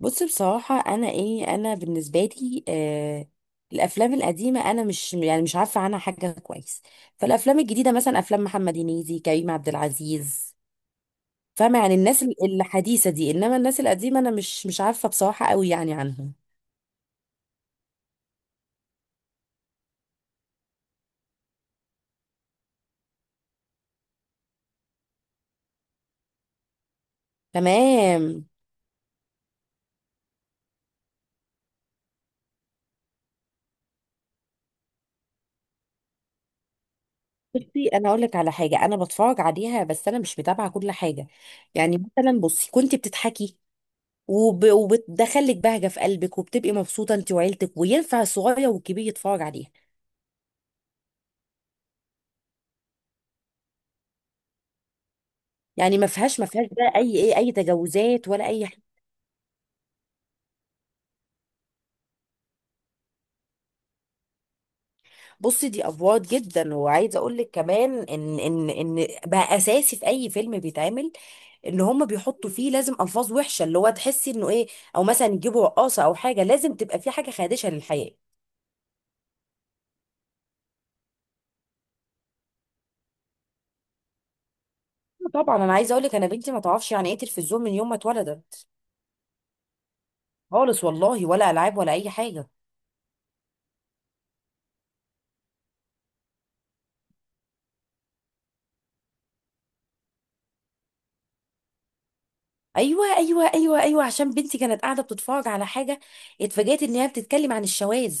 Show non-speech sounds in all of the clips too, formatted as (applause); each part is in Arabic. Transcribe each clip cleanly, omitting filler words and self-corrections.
بص، بصراحة أنا بالنسبة لي، الأفلام القديمة أنا مش عارفة عنها حاجة كويس. فالأفلام الجديدة مثلا أفلام محمد هنيدي، كريم عبد العزيز، فاهمة؟ يعني الناس الحديثة دي، إنما الناس القديمة أنا مش عارفة بصراحة قوي يعني عنهم. تمام. بصي، أنا أقول لك على حاجة أنا بتفرج عليها، بس أنا مش متابعة كل حاجة. يعني مثلا، بصي كنت بتضحكي وبتدخلك بهجة في قلبك، وبتبقي مبسوطة أنت وعيلتك، وينفع الصغير والكبير يتفرج عليها. يعني ما فيهاش بقى اي تجاوزات ولا اي حاجه. بصي دي افوار جدا، وعايزه اقول لك كمان ان بقى اساسي في اي فيلم بيتعمل، ان هم بيحطوا فيه لازم الفاظ وحشه اللي هو تحسي انه ايه، او مثلا يجيبوا رقاصه او حاجه، لازم تبقى في حاجه خادشه للحياه. طبعا، انا عايزه اقول لك، انا بنتي ما تعرفش يعني ايه تلفزيون من يوم ما اتولدت خالص. والله، ولا العاب ولا اي حاجه. ايوه، ايوه، ايوه، ايوه، عشان بنتي كانت قاعده بتتفرج على حاجه، اتفاجئت ان هي بتتكلم عن الشواذ.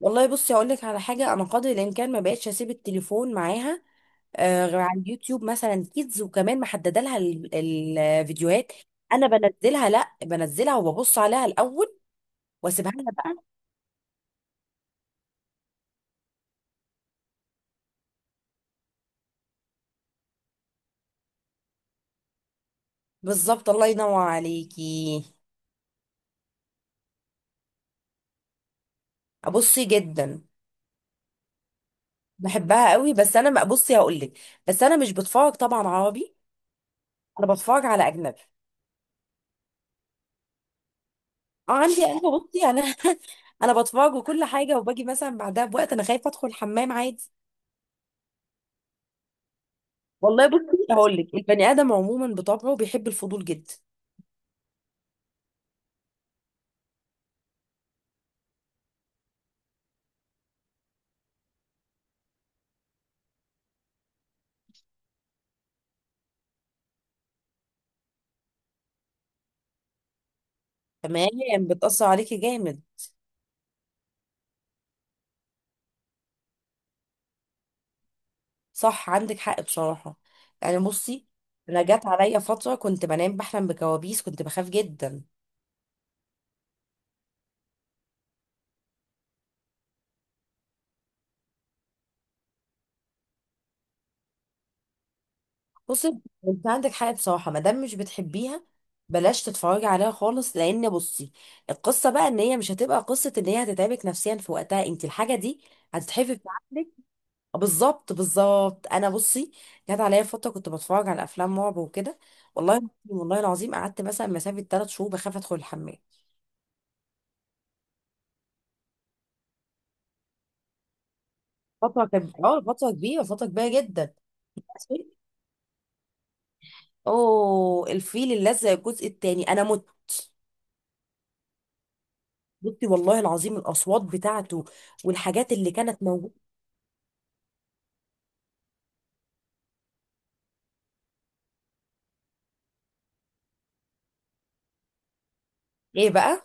والله بصي هقول لك على حاجه، انا قدر الامكان ما بقتش اسيب التليفون معاها، غير على اليوتيوب مثلا كيدز، وكمان محدده لها الفيديوهات. انا بنزلها، لا، بنزلها وببص عليها الاول، واسيبها لها بقى. بالظبط، الله ينور عليكي. ابصي جدا، بحبها قوي، بس انا ما بصي هقول لك، بس انا مش بتفرج طبعا عربي، انا بتفرج على اجنبي. اه، عندي، انا (laughs) انا بتفرج وكل حاجه، وباجي مثلا بعدها بوقت انا خايفه ادخل الحمام عادي. والله بصي هقول لك، البني ادم عموما بطبعه بيحب الفضول جدا. تمام. بتاثر عليكي جامد. صح، عندك حق بصراحه. يعني بصي، انا جت عليا فتره كنت بنام بحلم بكوابيس، كنت بخاف جدا. بصي، انت عندك حق بصراحه، ما دام مش بتحبيها بلاش تتفرجي عليها خالص، لان بصي، القصه بقى ان هي مش هتبقى قصه، ان هي هتتعبك نفسيا في وقتها انت الحاجه دي، هتتحفي في عقلك. بالظبط، بالظبط. انا بصي، جت عليا فتره كنت بتفرج على افلام رعب وكده، والله، والله العظيم، قعدت مثلا مسافه 3 شهور بخاف ادخل الحمام. فتره كانت، فتره كبيره، فتره كبيره جدا. اوه، الفيل الازرق الجزء الثاني، انا مت. بصي والله العظيم، الاصوات بتاعته، والحاجات اللي كانت موجوده. ايه بقى؟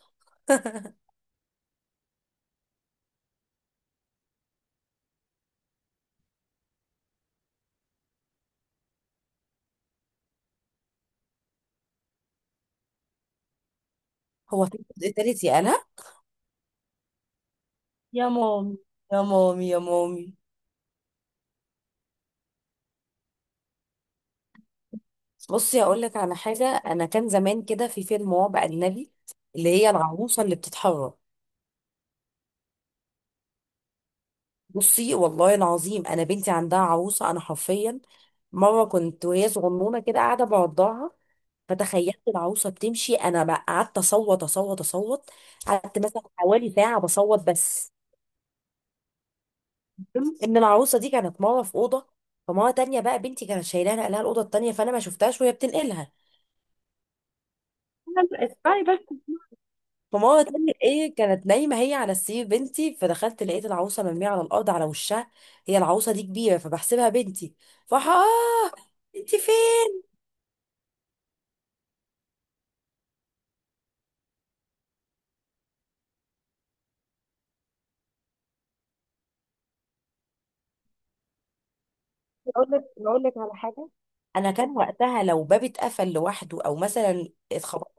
هو في الجزء الثالث؟ يا انا، يا مامي، يا مامي، يا مامي. بصي هقول لك على حاجه، انا كان زمان كده في فيلم رعب اجنبي، اللي هي العروسه اللي بتتحرك. بصي والله العظيم، انا بنتي عندها عروسه، انا حرفيا مره كنت وهي صغنونه كده قاعده بعضها، فتخيلت العروسه بتمشي، انا بقى قعدت اصوت، اصوت، اصوت. قعدت مثلا حوالي ساعه بصوت بس. المهم ان العروسه دي كانت مره في اوضه، فمره تانية بقى بنتي كانت شايلاها نقلها الاوضه التانية، فانا ما شفتهاش وهي بتنقلها. (laughs) اسمعي بس. فماما بتعمل ايه، كانت نايمه هي على السرير بنتي، فدخلت لقيت العروسه مرميه على الارض على وشها، هي العروسه دي كبيره، فبحسبها بنتي، فراح، اه، انت فين؟ اقول لك على حاجه، انا كان وقتها لو باب اتقفل لوحده، او مثلا اتخبطت،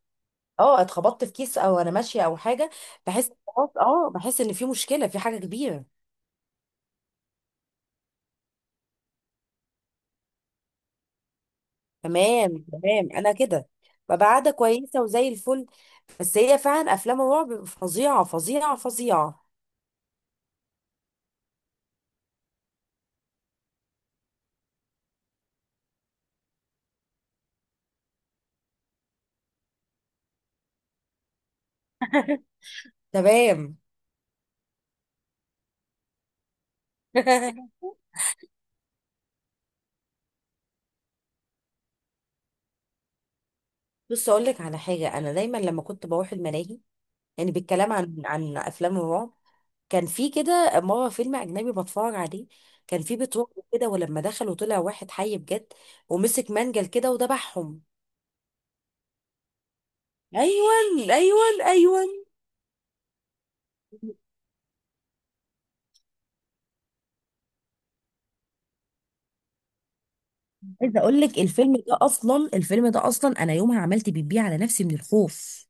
اه، اتخبطت في كيس، او انا ماشيه او حاجه، بحس، خلاص، بحس ان في مشكله في حاجه كبيره. تمام، تمام. انا كده ببقى قاعده كويسه وزي الفل. بس هي فعلا افلام الرعب فظيعه، فظيعه، فظيعه. (laughs) تمام. (laughs) بص اقول لك على حاجه، انا دايما لما كنت بروح الملاهي، يعني بالكلام عن افلام الرعب، كان في كده مره فيلم اجنبي بتفرج عليه، كان في بيت رعب كده، ولما دخلوا طلع واحد حي بجد، ومسك منجل كده وذبحهم. ايوه، ايوه، ايوه. عايزه اقول لك الفيلم ده اصلا، الفيلم ده اصلا، انا يومها عملت بيبي على نفسي من الخوف.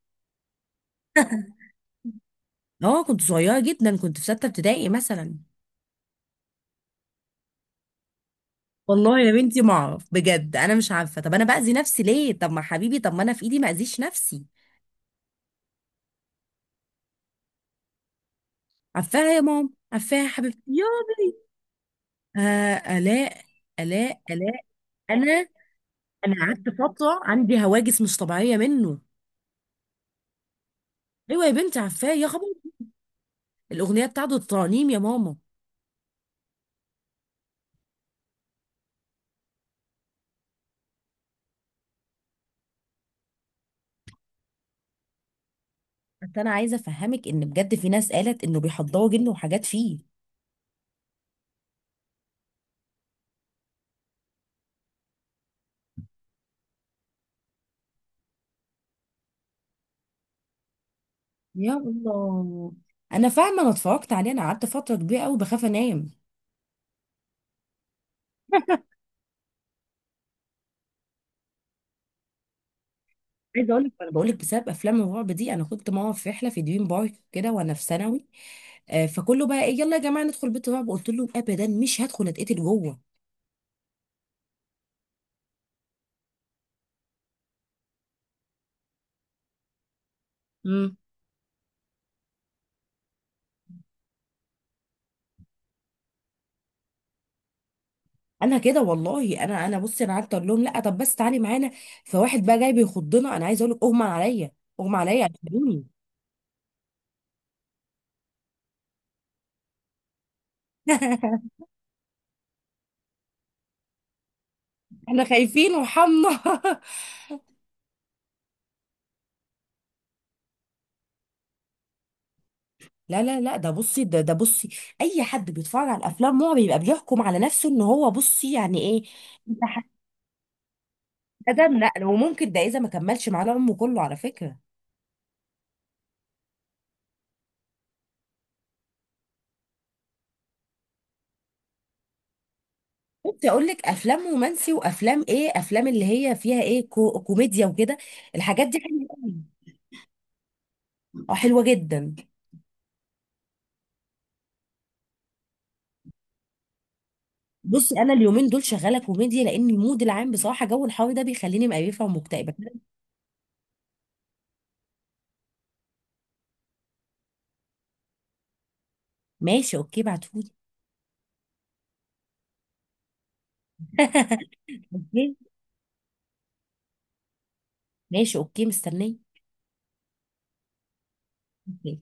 اه، كنت صغيره جدا، كنت في 6 ابتدائي مثلا. والله يا بنتي ما اعرف بجد، انا مش عارفه، طب انا باذي نفسي ليه؟ طب ما حبيبي، طب ما انا في ايدي ما اذيش نفسي. عفاها يا ماما، عفاها يا حبيبتي ياضي. آه، الاء، الاء، الاء. انا انا قعدت فتره عندي هواجس مش طبيعيه منه. ايوه يا بنتي، عفاه يا خبر. الاغنيه بتاعته، الترانيم يا ماما. بس انا عايزه افهمك ان بجد في ناس قالت انه بيحضروا جن وحاجات فيه. يا الله. انا فاهمه، انا اتفرجت عليه، انا قعدت فتره كبيره قوي بخاف انام. عايزه اقول لك، انا بقول لك بسبب افلام الرعب دي، انا كنت ماما في رحله في دريم بارك كده وانا في ثانوي. فكله بقى ايه، يلا يا جماعه ندخل بيت رعب، قلت لهم ابدا، مش هدخل اتقتل جوه. امم انا كده والله، انا بصي انا قعدت اقول لهم لا، طب بس تعالي معانا، فواحد بقى جاي بيخضنا، انا عايزه اقول لك، اغمى عليا، اغمى عليا، اعتبروني. (laughs) احنا خايفين وحمنا. (laughs) لا، لا، لا. ده بصي، ده بصي، اي حد بيتفرج على الافلام هو بيبقى بيحكم على نفسه ان هو بصي يعني ايه، ده نقل، وممكن ده اذا ما كملش معانا عمره كله على فكره. كنت اقول لك افلام رومانسي، وافلام ايه، افلام اللي هي فيها ايه، كوميديا وكده. الحاجات دي حلوه قوي. اه، حلوه جدا. بصي، انا اليومين دول شغاله كوميديا، لان المود العام بصراحه، جو الحر ده بيخليني مقرفه ومكتئبه. ماشي، اوكي، بعتهولي. اوكي، ماشي، اوكي، مستنيه. اوكي.